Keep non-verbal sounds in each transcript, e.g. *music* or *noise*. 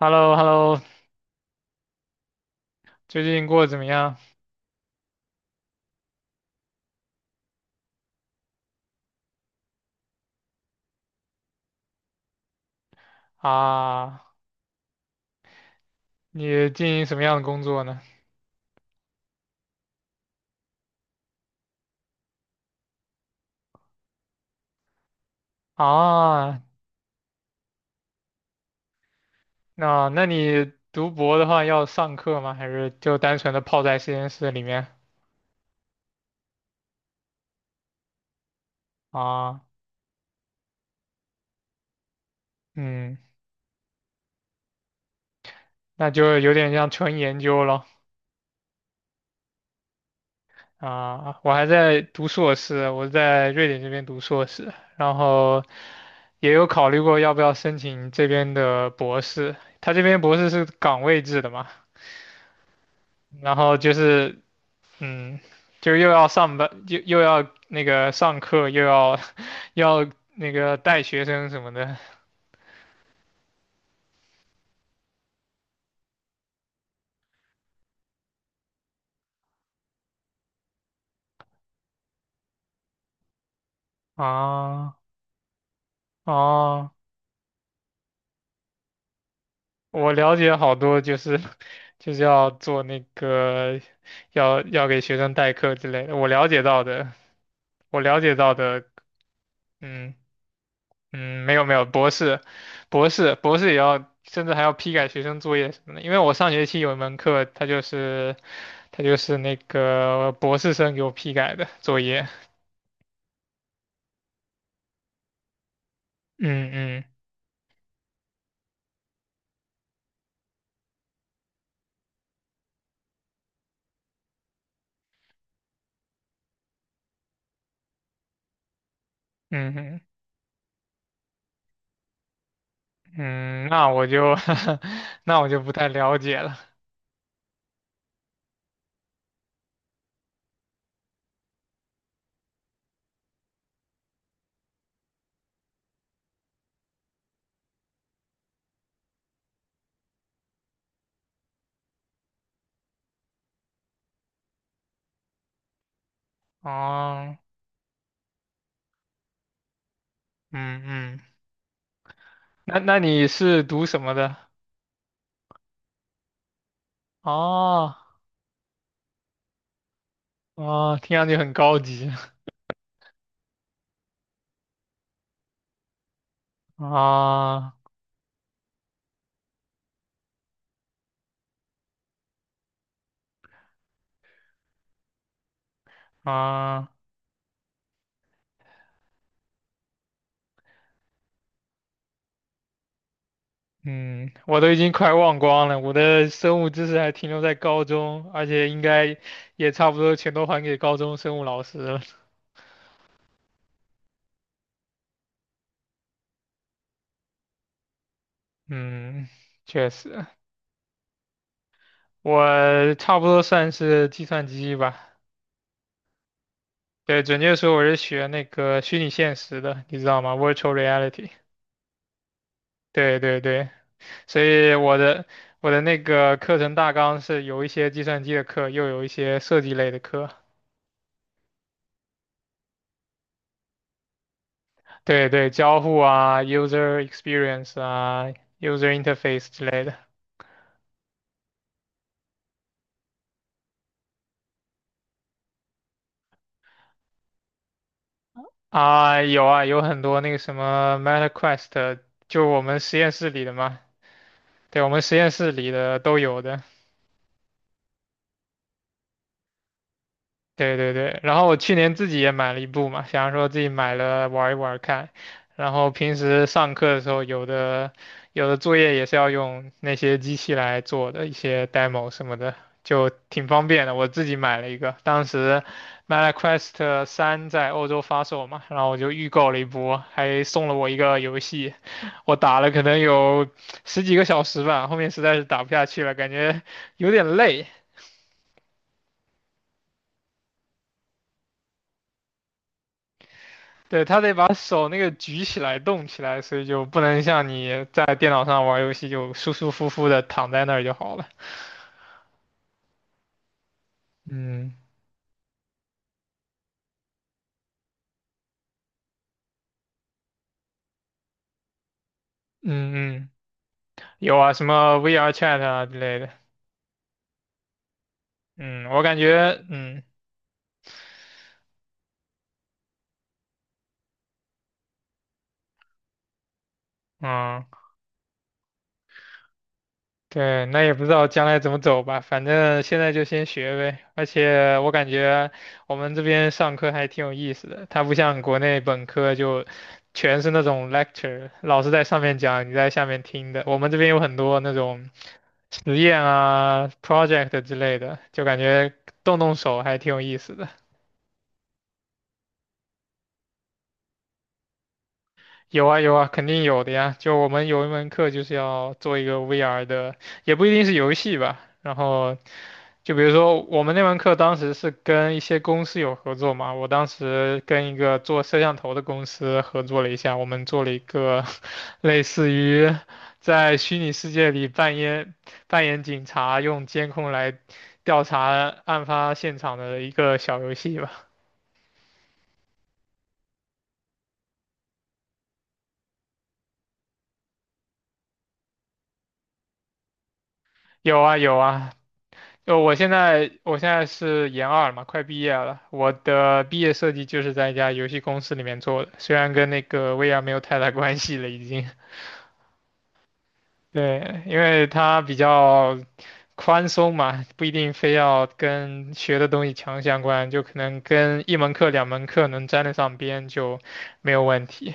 Hello hello 最近过得怎么样啊？你进行什么样的工作呢？啊，那你读博的话要上课吗？还是就单纯的泡在实验室里面？啊，嗯，那就有点像纯研究咯。啊，我还在读硕士，我在瑞典这边读硕士，然后也有考虑过要不要申请这边的博士。他这边博士是岗位制的嘛，然后就是嗯，又要上班，又要那个上课，又要 *laughs* 又要那个带学生什么的啊啊！我了解好多，就是要做那个要给学生代课之类的。我了解到的，嗯嗯，没有没有，博士也要，甚至还要批改学生作业什么的。因为我上学期有一门课，它就是那个博士生给我批改的作业。嗯嗯嗯嗯，那我就 *laughs* 那我就不太了解了。哦，嗯嗯，那你是读什么的？哦哦，听上去很高级。*laughs* 啊啊，嗯，我都已经快忘光了，我的生物知识还停留在高中，而且应该也差不多全都还给高中生物老师了。嗯，确实，我差不多算是计算机吧。对，准确说我是学那个虚拟现实的，你知道吗？Virtual Reality。对对对，所以我的那个课程大纲是有一些计算机的课，又有一些设计类的课。对对，交互啊，user experience 啊，user interface 之类的啊，有啊，有很多那个什么 MetaQuest，就我们实验室里的嘛，对我们实验室里的都有的。对对对，然后我去年自己也买了一部嘛，想说自己买了玩一玩看，然后平时上课的时候，有的作业也是要用那些机器来做的，一些 demo 什么的，就挺方便的。我自己买了一个，当时 MetaQuest 3在欧洲发售嘛，然后我就预购了一波，还送了我一个游戏，我打了可能有十几个小时吧，后面实在是打不下去了，感觉有点累。对，他得把手那个举起来、动起来，所以就不能像你在电脑上玩游戏就舒舒服服的躺在那儿就好了。嗯嗯嗯，有啊，什么 VR Chat 啊之类的。嗯，我感觉，嗯嗯，对，那也不知道将来怎么走吧，反正现在就先学呗。而且我感觉我们这边上课还挺有意思的，它不像国内本科就全是那种 lecture，老师在上面讲，你在下面听的。我们这边有很多那种。实验啊、project 之类的，就感觉动动手还挺有意思的。有啊有啊，肯定有的呀。就我们有一门课就是要做一个 VR 的，也不一定是游戏吧。然后就比如说我们那门课当时是跟一些公司有合作嘛，我当时跟一个做摄像头的公司合作了一下，我们做了一个 *laughs* 类似于在虚拟世界里扮演警察，用监控来调查案发现场的一个小游戏吧。有啊有啊，就我现在是研二了嘛，快毕业了。我的毕业设计就是在一家游戏公司里面做的，虽然跟那个 VR 没有太大关系了，已经。*laughs* 对，因为它比较宽松嘛，不一定非要跟学的东西强相关，就可能跟一门课、两门课能沾得上边就没有问题。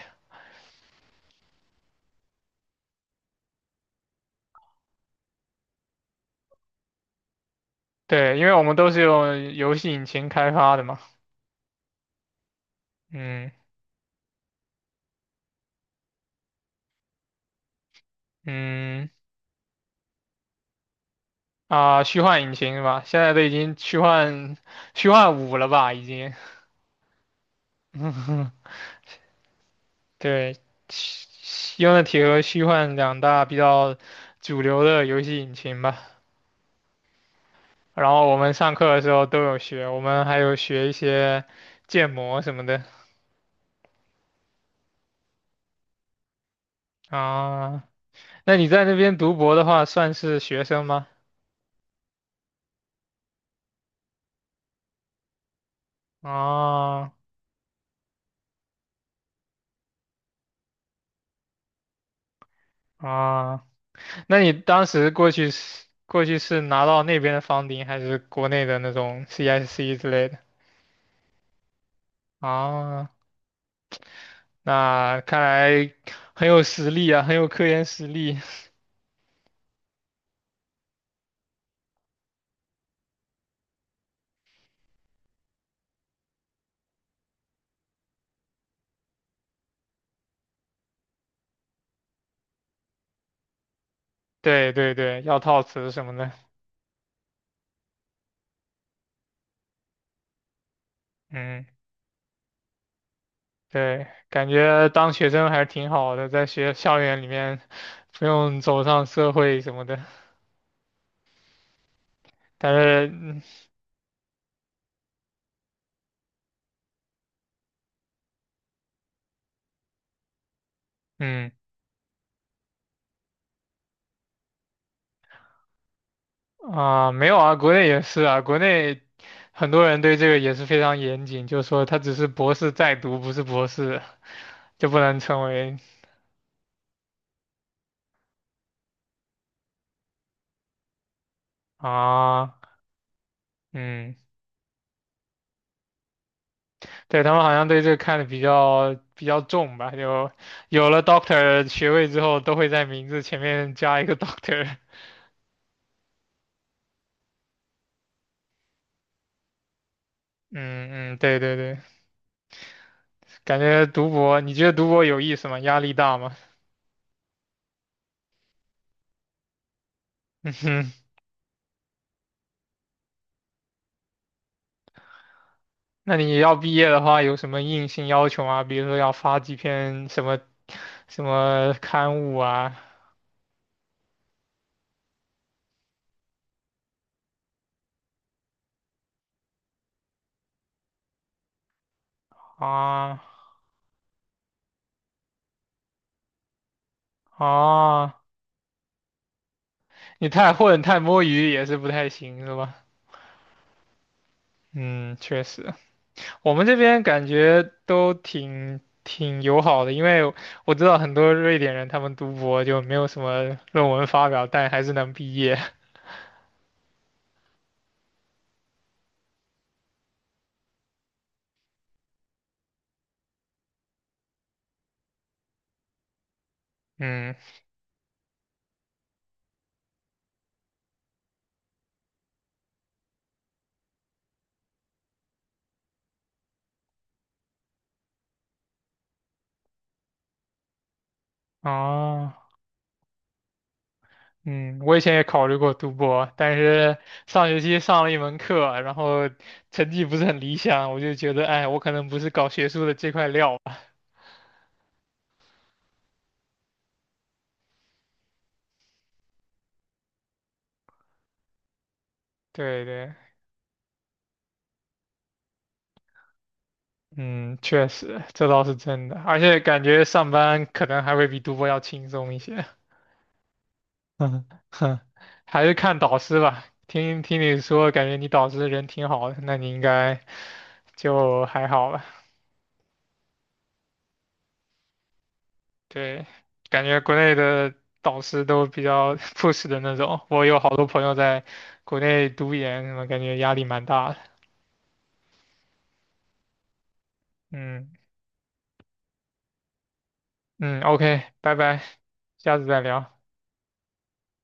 对，因为我们都是用游戏引擎开发的嘛。嗯嗯，啊，虚幻引擎是吧？现在都已经虚幻五了吧？已经。对，用的 n i 和虚幻两大比较主流的游戏引擎吧。然后我们上课的时候都有学，我们还有学一些建模什么的啊。那你在那边读博的话，算是学生吗？啊啊，那你当时过去是拿到那边的房顶，还是国内的那种 CSC 之类的？啊那看来很有实力啊，很有科研实力。*laughs* 对对对，要套词什么的，嗯，对，感觉当学生还是挺好的，在学校园里面不用走上社会什么的。但是，嗯嗯啊、没有啊，国内也是啊，国内很多人对这个也是非常严谨，就说他只是博士在读，不是博士，就不能成为啊，嗯。对，他们好像对这个看的比较重吧，就有了 Doctor 学位之后，都会在名字前面加一个 *laughs* Doctor。嗯嗯，对对对，感觉读博，你觉得读博有意思吗？压力大吗？*laughs* 嗯哼，那你要毕业的话，有什么硬性要求吗？比如说要发几篇什么什么刊物啊？啊啊，你太混太摸鱼也是不太行，是吧？嗯，确实。我们这边感觉都挺友好的，因为我知道很多瑞典人他们读博就没有什么论文发表，但还是能毕业。嗯，哦，嗯，我以前也考虑过读博，但是上学期上了一门课，然后成绩不是很理想，我就觉得，哎，我可能不是搞学术的这块料吧。对对，嗯，确实，这倒是真的，而且感觉上班可能还会比读博要轻松一些。*laughs* 嗯哼，还是看导师吧。听听你说，感觉你导师人挺好的，那你应该就还好吧。对，感觉国内的导师都比较 *laughs* p u 的那种。我有好多朋友在国内读研，什么感觉压力蛮大的。嗯嗯，OK，拜拜，下次再聊。